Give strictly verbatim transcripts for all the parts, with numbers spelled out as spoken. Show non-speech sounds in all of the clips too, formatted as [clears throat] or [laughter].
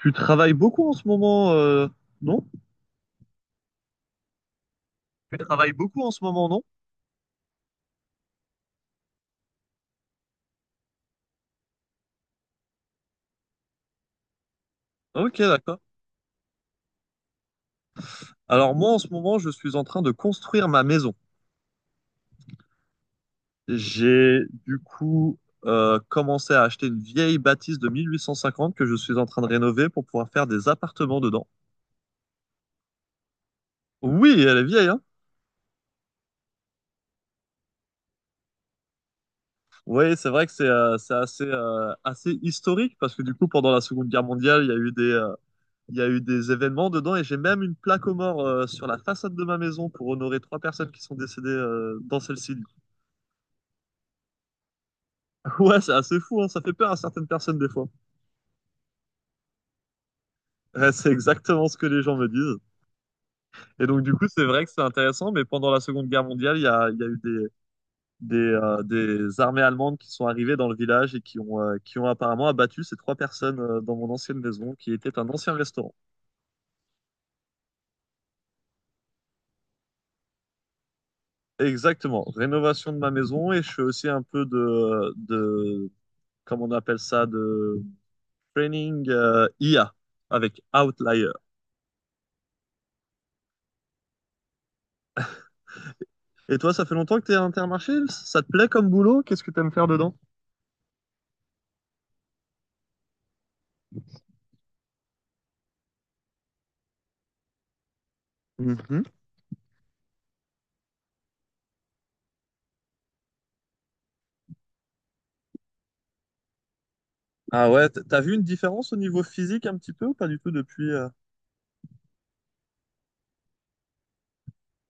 Tu travailles beaucoup en ce moment, euh, non? Tu travailles beaucoup en ce moment, non? Ok, d'accord. Alors moi, en ce moment, je suis en train de construire ma maison. J'ai du coup euh, commencé à acheter une vieille bâtisse de mille huit cent cinquante que je suis en train de rénover pour pouvoir faire des appartements dedans. Oui, elle est vieille, hein? Oui, c'est vrai que c'est euh, c'est assez, euh, assez historique parce que du coup, pendant la Seconde Guerre mondiale, il y a eu des, euh, il y a eu des événements dedans et j'ai même une plaque aux morts euh, sur la façade de ma maison pour honorer trois personnes qui sont décédées euh, dans celle-ci. Ouais, c'est assez fou, hein, ça fait peur à certaines personnes des fois. Ouais, c'est exactement ce que les gens me disent. Et donc du coup, c'est vrai que c'est intéressant, mais pendant la Seconde Guerre mondiale, il y a, il y a eu des, des, euh, des armées allemandes qui sont arrivées dans le village et qui ont, euh, qui ont apparemment abattu ces trois personnes euh, dans mon ancienne maison, qui était un ancien restaurant. Exactement, rénovation de ma maison et je fais aussi un peu de, de comment on appelle ça, de training euh, I A avec Outlier. Et toi, ça fait longtemps que t'es à Intermarché? Ça te plaît comme boulot? Qu'est-ce que t'aimes faire dedans? Mhm. Ah ouais, t- t'as vu une différence au niveau physique un petit peu ou pas du tout depuis euh,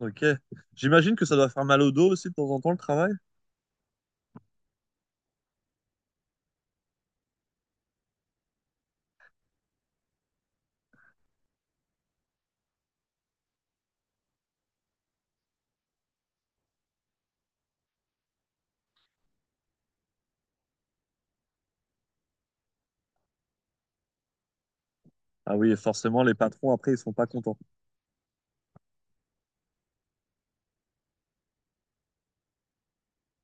Ok. J'imagine que ça doit faire mal au dos aussi de temps en temps le travail. Ah oui, forcément, les patrons après ils sont pas contents.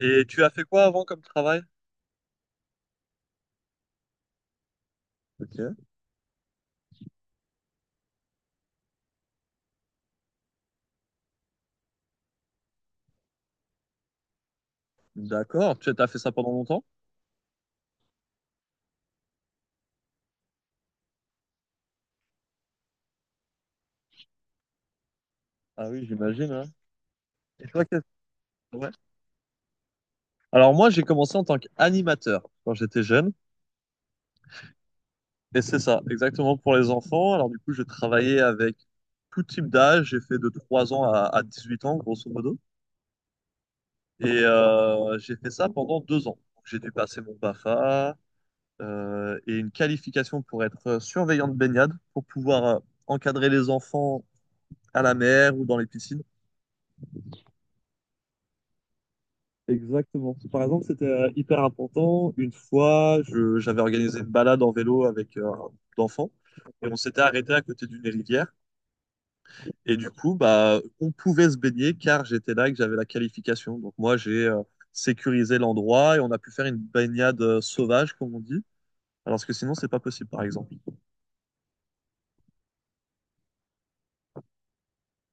Et tu as fait quoi avant comme travail? Ok. D'accord. Tu as fait ça pendant longtemps? Ah oui, j'imagine, hein. Et toi, qu'est-ce- ouais. Alors moi, j'ai commencé en tant qu'animateur quand j'étais jeune. Et c'est ça, exactement pour les enfants. Alors du coup, j'ai travaillé avec tout type d'âge. J'ai fait de trois ans à, à huit ans, grosso modo. Et euh, j'ai fait ça pendant deux ans. Donc, j'ai dû passer mon B A F A euh, et une qualification pour être surveillant de baignade, pour pouvoir euh, encadrer les enfants à la mer ou dans les piscines. Exactement. Par exemple, c'était euh, hyper important. Une fois, je- j'avais organisé une balade en vélo avec euh, un groupe d'enfants et on s'était arrêté à côté d'une rivière. Et du coup, bah, on pouvait se baigner car j'étais là et que j'avais la qualification. Donc moi, j'ai euh, sécurisé l'endroit et on a pu faire une baignade euh, sauvage, comme on dit, alors que sinon, c'est pas possible, par exemple.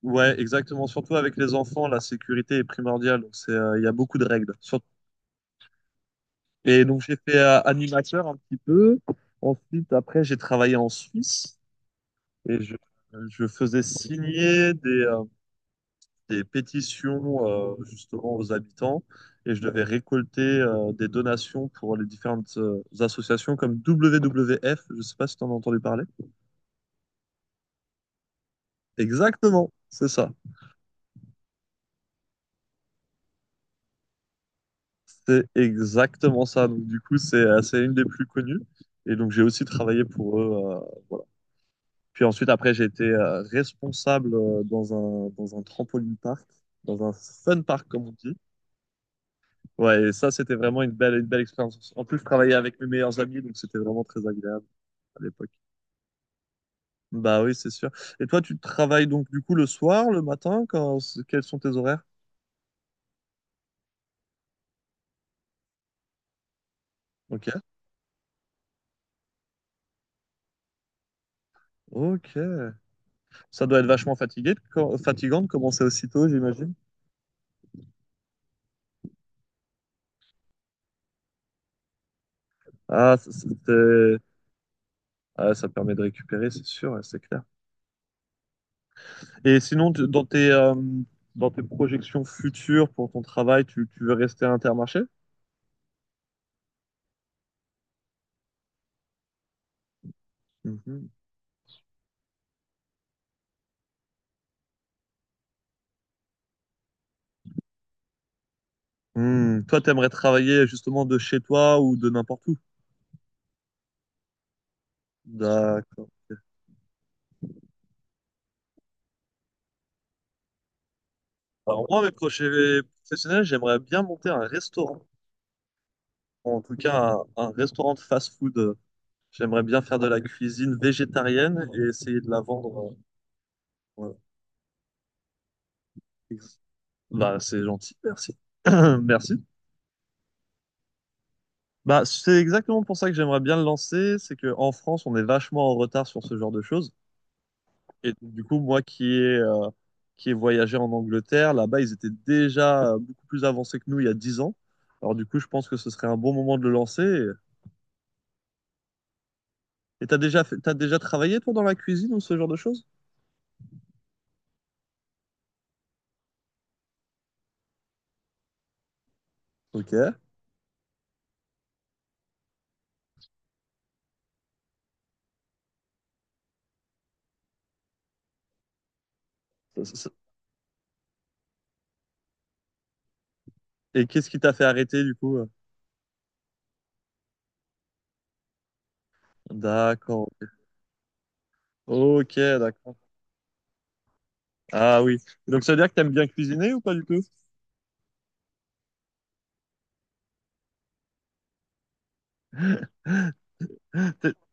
Ouais, exactement. Surtout avec les enfants, la sécurité est primordiale. Donc, c'est, euh, il y a beaucoup de règles. Sur- Et donc, j'ai fait euh, animateur un petit peu. Ensuite, après, j'ai travaillé en Suisse et je, je faisais signer des, euh, des pétitions, euh, justement, aux habitants. Et je devais récolter, euh, des donations pour les différentes, euh, associations comme double V W F. Je sais pas si tu en as entendu parler. Exactement, c'est ça. C'est exactement ça. Donc, du coup, c'est euh, c'est une des plus connues. Et donc, j'ai aussi travaillé pour eux, euh, voilà. Puis ensuite, après, j'ai été euh, responsable euh, dans un, dans un trampoline park, dans un fun park, comme on dit. Ouais, et ça, c'était vraiment une belle, une belle expérience. En plus, je travaillais avec mes meilleurs amis, donc c'était vraiment très agréable à l'époque. Bah oui, c'est sûr. Et toi, tu travailles donc, du coup, le soir, le matin, quand, quels sont tes horaires? Ok, ok. Ça doit être vachement fatigué, de- fatigant de commencer aussitôt, j'imagine. Ah, c'était Ah, ça permet de récupérer, c'est sûr, ouais, c'est clair. Et sinon, tu- dans tes, euh, dans tes projections futures pour ton travail, tu, tu veux rester à Intermarché? Mhm. Hmm. Toi, t'aimerais travailler justement de chez toi ou de n'importe où? D'accord. Alors moi, mes projets professionnels, j'aimerais bien monter un restaurant. En tout cas, un, un restaurant de fast-food. J'aimerais bien faire de la cuisine végétarienne et essayer de la vendre, euh, voilà. Bah, c'est gentil, merci. [clears throat] Merci. Bah, c'est exactement pour ça que j'aimerais bien le lancer, c'est que en France, on est vachement en retard sur ce genre de choses. Et donc, du coup, moi qui ai, euh, qui ai voyagé en Angleterre, là-bas, ils étaient déjà euh, beaucoup plus avancés que nous il y a dix ans. Alors du coup, je pense que ce serait un bon moment de le lancer. Et t'as déjà fait, t'as déjà travaillé, toi, dans la cuisine ou ce genre de choses? Ok. ça, ça- Et qu'est-ce qui t'a fait arrêter, du coup? D'accord. Ok, d'accord. Ah oui. Donc ça veut dire que t'aimes bien cuisiner ou pas du tout? [laughs]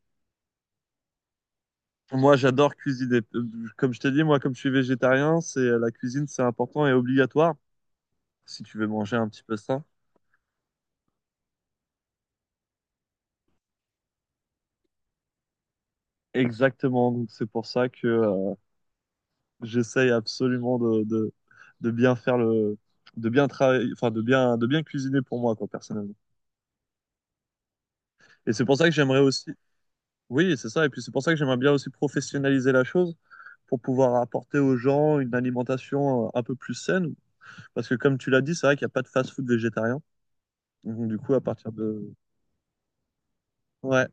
Moi, j'adore cuisiner. Euh, Comme je t'ai dit, moi, comme je suis végétarien, c'est euh, la cuisine, c'est important et obligatoire si tu veux manger un petit peu ça. Exactement. Donc, c'est pour ça que euh, j'essaye absolument de, de, de bien faire le, de bien travailler, enfin, de bien, de bien cuisiner pour moi, quoi, personnellement. Et c'est pour ça que j'aimerais aussi, oui, c'est ça. Et puis, c'est pour ça que j'aimerais bien aussi professionnaliser la chose pour pouvoir apporter aux gens une alimentation euh, un peu plus saine. Parce que, comme tu l'as dit, c'est vrai qu'il n'y a pas de fast-food végétarien. Donc, du coup, à partir de, ouais,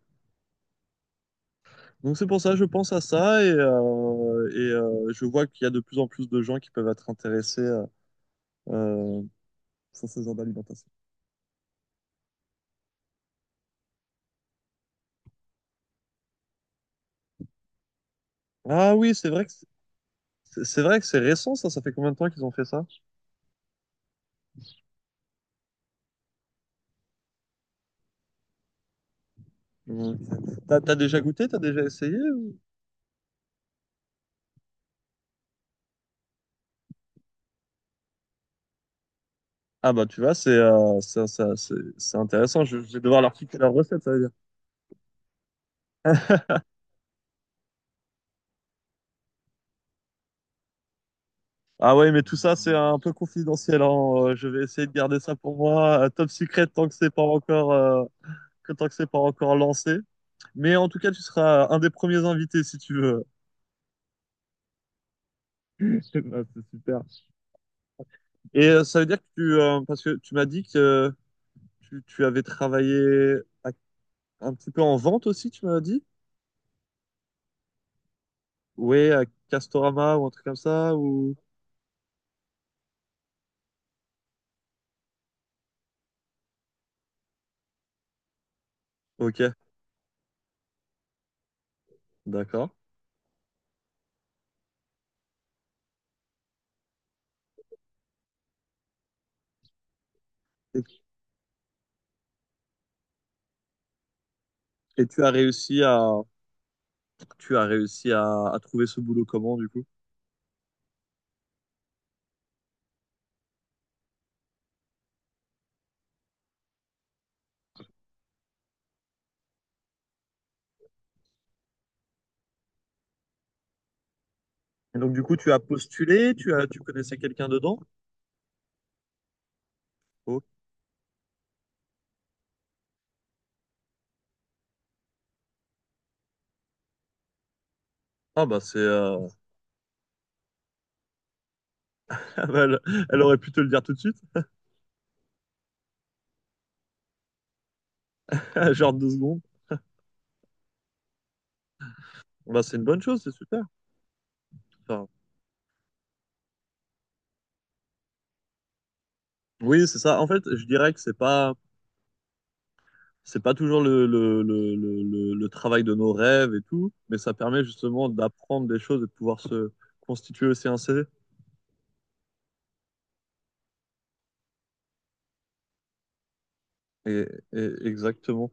donc c'est pour ça, je pense à ça et, euh, et euh, je vois qu'il y a de plus en plus de gens qui peuvent être intéressés euh, euh, sur ce genre d'alimentation. Ah oui, c'est vrai que c'est c'est vrai que c'est récent ça, ça fait combien de temps qu'ils ont fait ça? Hum. T'as, t'as déjà goûté, t'as déjà essayé? ou- Ah bah tu vois, c'est euh, ça- ça- c'est c'est intéressant, je, je vais devoir leur piquer leur recette, ça veut dire. Ah ouais, mais tout ça c'est un peu confidentiel, hein. Euh, Je vais essayer de garder ça pour moi, euh, top secret tant que c'est pas encore euh, que tant que c'est pas encore lancé. Mais en tout cas, tu seras un des premiers invités si tu veux. [laughs] Ah, c'est super. Et euh, ça veut dire que tu, euh, parce que tu m'as dit que euh, tu, tu avais travaillé à- un petit peu en vente aussi, tu m'as dit? Oui, à Castorama ou un truc comme ça ou... Ok, d'accord. Et, et tu as réussi à, tu as réussi à, à trouver ce boulot comment du coup? Et donc du coup, tu as postulé, tu as, tu connaissais quelqu'un dedans? Oh. Ah bah c'est, euh, [laughs] elle, elle aurait pu te le dire tout de suite, [laughs] genre deux secondes. Bah c'est une bonne chose, c'est super. Enfin, oui, c'est ça. En fait, je dirais que c'est pas, c'est pas toujours le, le, le, le, le- le travail de nos rêves et tout, mais ça permet justement d'apprendre des choses et de pouvoir se constituer aussi un C V. Et, et- exactement.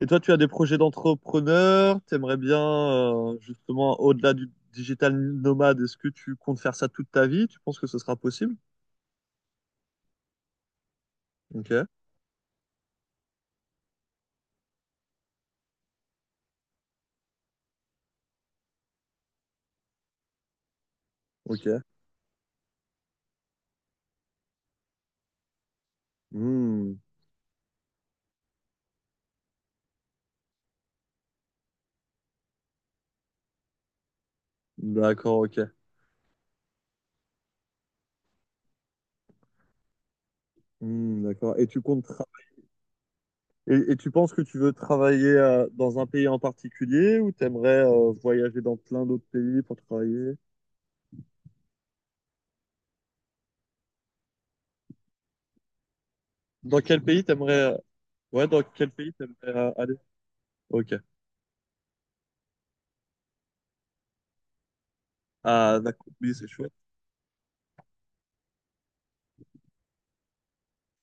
Et toi, tu as des projets d'entrepreneur, t'aimerais bien, euh, justement, au-delà du digital nomade, est-ce que tu comptes faire ça toute ta vie? Tu penses que ce sera possible? Ok, ok. Hmm, d'accord, ok. Hmm, d'accord. Et tu comptes Et, et tu penses que tu veux travailler euh, dans un pays en particulier ou t'aimerais euh, voyager dans plein d'autres pays pour travailler? Dans quel pays t'aimerais euh, ouais, dans quel pays t'aimerais euh, aller? Ok. Ah, d'accord. Oui, c'est chouette.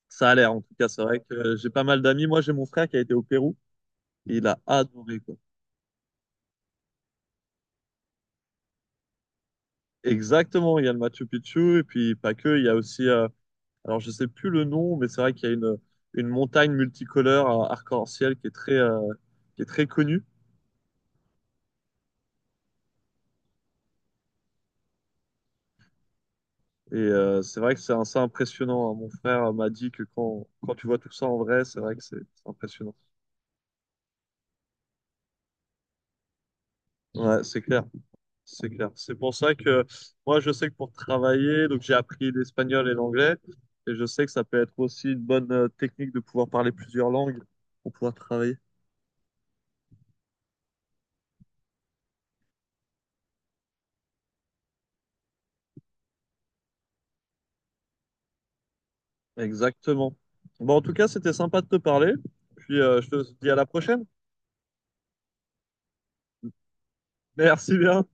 Ça a l'air, en tout cas, c'est vrai que euh, j'ai pas mal d'amis. Moi, j'ai mon frère qui a été au Pérou et il a adoré, quoi. Exactement, il y a le Machu Picchu et puis pas que, il y a aussi, euh, alors je sais plus le nom, mais c'est vrai qu'il y a une, une montagne multicolore, euh, arc-en-ciel qui est très, euh, qui est très connue. Et euh, c'est vrai que c'est assez impressionnant, hein. Mon frère m'a dit que quand, quand tu vois tout ça en vrai, c'est vrai que c'est c'est impressionnant. Ouais, c'est clair, c'est clair. C'est pour ça que moi, je sais que pour travailler, donc j'ai appris l'espagnol et l'anglais, et je sais que ça peut être aussi une bonne euh, technique de pouvoir parler plusieurs langues pour pouvoir travailler. Exactement. Bon, en tout cas, c'était sympa de te parler. Puis euh, je te dis à la prochaine. Merci bien.